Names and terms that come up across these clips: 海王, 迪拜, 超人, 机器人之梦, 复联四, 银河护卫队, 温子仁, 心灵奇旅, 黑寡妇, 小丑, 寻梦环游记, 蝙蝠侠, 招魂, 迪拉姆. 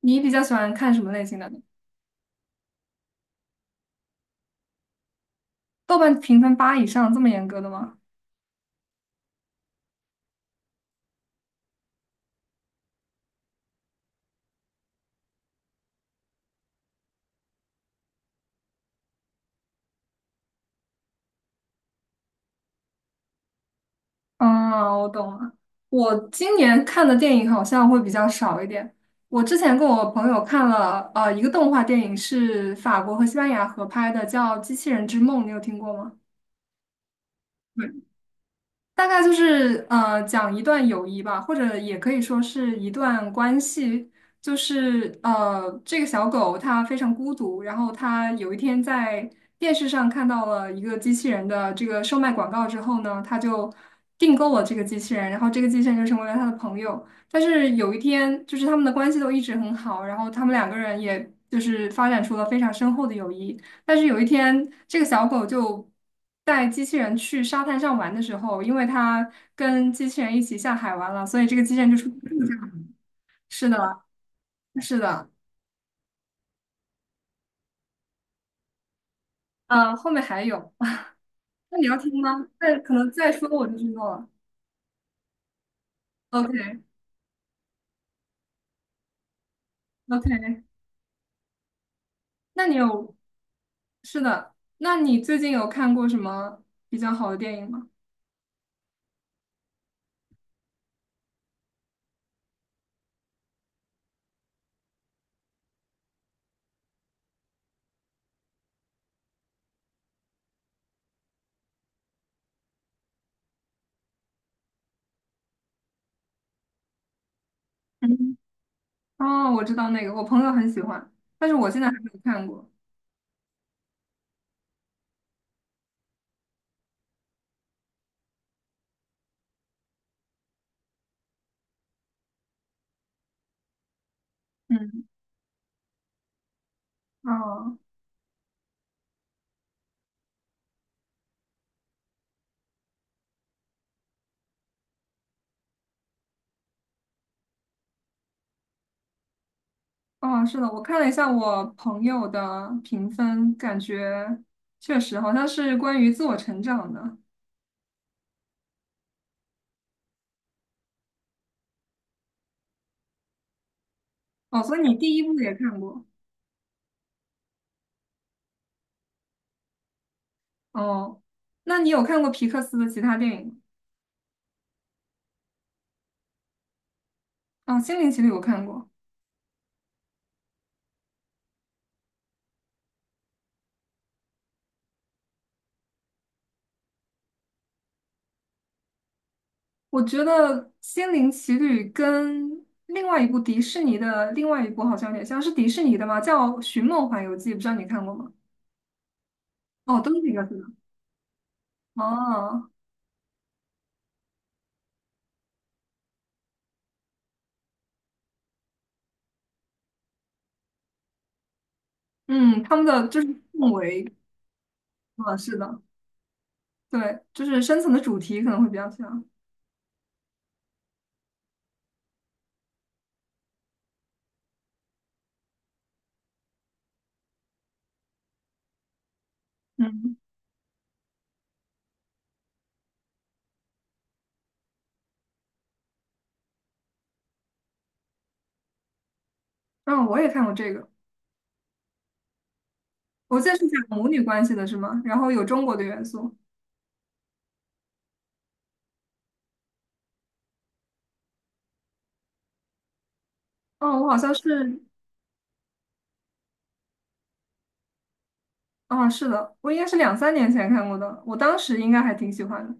你比较喜欢看什么类型的呢？豆瓣评分八以上这么严格的吗？啊，我懂了。我今年看的电影好像会比较少一点。我之前跟我朋友看了一个动画电影，是法国和西班牙合拍的，叫《机器人之梦》，你有听过吗？大概就是讲一段友谊吧，或者也可以说是一段关系。就是这个小狗它非常孤独，然后它有一天在电视上看到了一个机器人的这个售卖广告之后呢，它就订购了这个机器人，然后这个机器人就成为了它的朋友。但是有一天，就是他们的关系都一直很好，然后他们两个人也就是发展出了非常深厚的友谊。但是有一天，这个小狗就带机器人去沙滩上玩的时候，因为它跟机器人一起下海玩了，所以这个机器人就出是的，是的，后面还有，那你要听吗？再可能再说我就知道了。OK，OK，那你有，是的，那你最近有看过什么比较好的电影吗？嗯，哦，我知道那个，我朋友很喜欢，但是我现在还没有看过。嗯，哦。哦，是的，我看了一下我朋友的评分，感觉确实好像是关于自我成长的。哦，所以你第一部也看过。哦，那你有看过皮克斯的其他电影吗？哦，《心灵奇旅》我看过，我觉得《心灵奇旅》跟另外一部迪士尼的另外一部好像有点像，是迪士尼的吗？叫《寻梦环游记》，不知道你看过吗？哦，都是皮克斯的。哦，嗯，他们的就是氛围，啊，是的，对，就是深层的主题可能会比较像。嗯，嗯，我也看过这个。我记得是讲母女关系的，是吗？然后有中国的元素。哦，我好像是，哦，是的，我应该是两三年前看过的，我当时应该还挺喜欢的。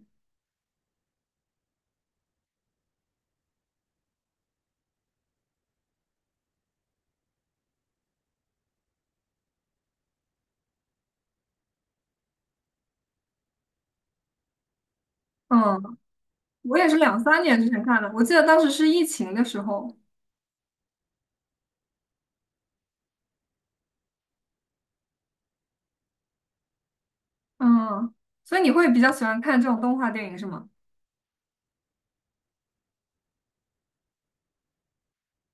嗯，我也是两三年之前看的，我记得当时是疫情的时候。嗯，所以你会比较喜欢看这种动画电影是吗？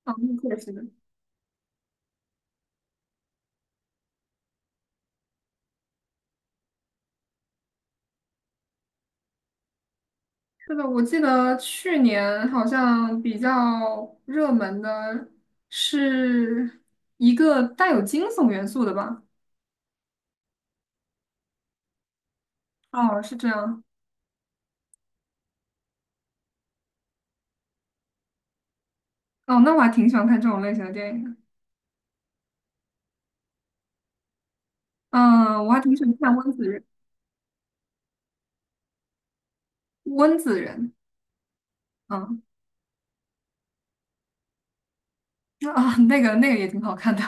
哦，那确实。是的，我记得去年好像比较热门的是一个带有惊悚元素的吧？哦，是这样。哦，那我还挺喜欢看这种类型的电影的。嗯，我还挺喜欢看温子仁，温子仁，嗯啊，那个那个也挺好看的，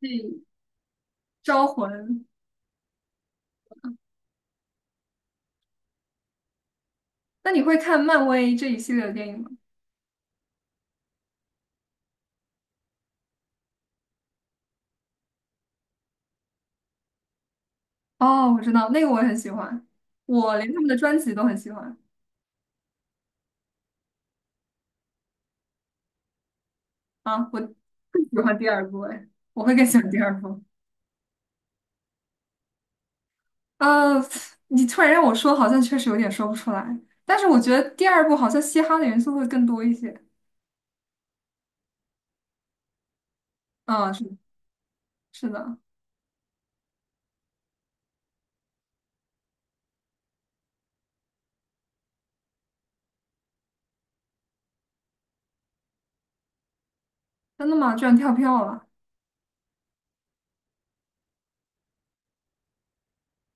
对，招魂。那你会看漫威这一系列的电影吗？哦，我知道，那个我也很喜欢，我连他们的专辑都很喜欢啊，我更喜欢第二部，哎，我会更喜欢第二部。呃，你突然让我说，好像确实有点说不出来，但是我觉得第二部好像嘻哈的元素会更多一些。啊，是的，真的吗？居然跳票了。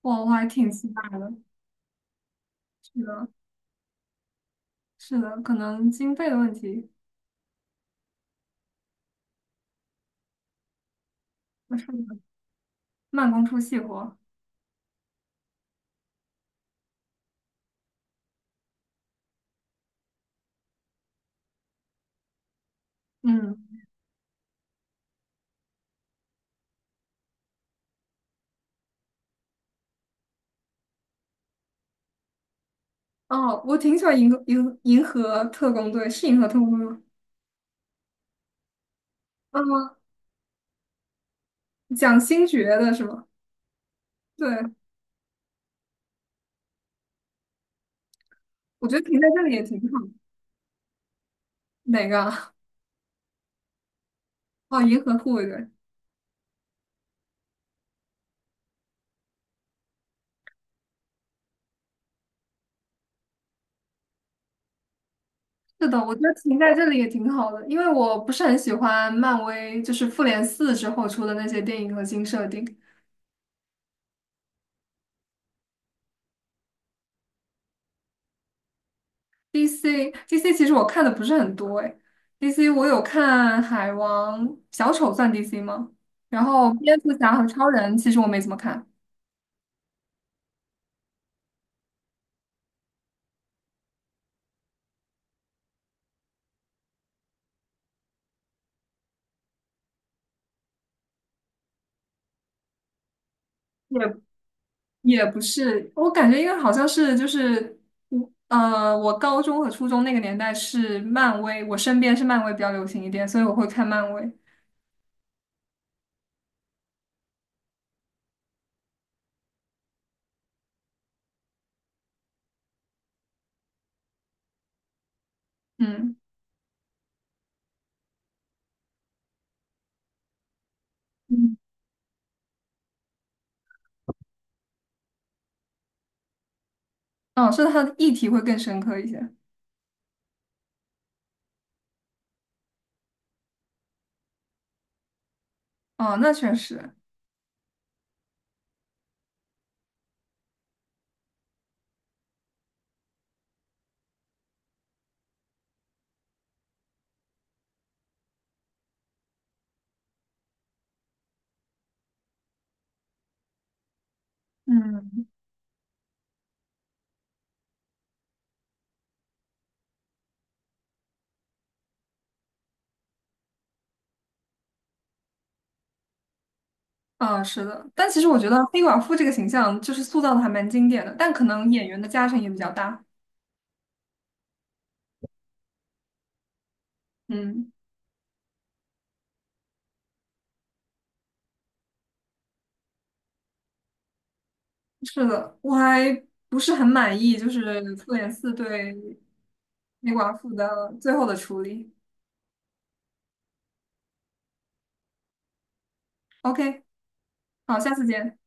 我还挺期待的。是的，是的，可能经费的问题，是的慢工出细活。嗯，哦，我挺喜欢银河特工队，是银河特工队吗？啊、讲星爵的是吗？对，我觉得停在这里也挺好。哪个啊哦，银河护卫队。是的，我觉得停在这里也挺好的，因为我不是很喜欢漫威，就是复联四之后出的那些电影和新设定，DC 其实我看的不是很多哎，DC 我有看海王、小丑算 DC 吗？然后蝙蝠侠和超人其实我没怎么看，也也不是，我感觉因为好像是就是我高中和初中那个年代是漫威，我身边是漫威比较流行一点，所以我会看漫威。嗯嗯，哦，是它的议题会更深刻一些。哦，那确实，嗯。啊，是的，但其实我觉得黑寡妇这个形象就是塑造的还蛮经典的，但可能演员的加成也比较大。嗯，是的，我还不是很满意，就是复联四对黑寡妇的最后的处理。OK，好，下次见。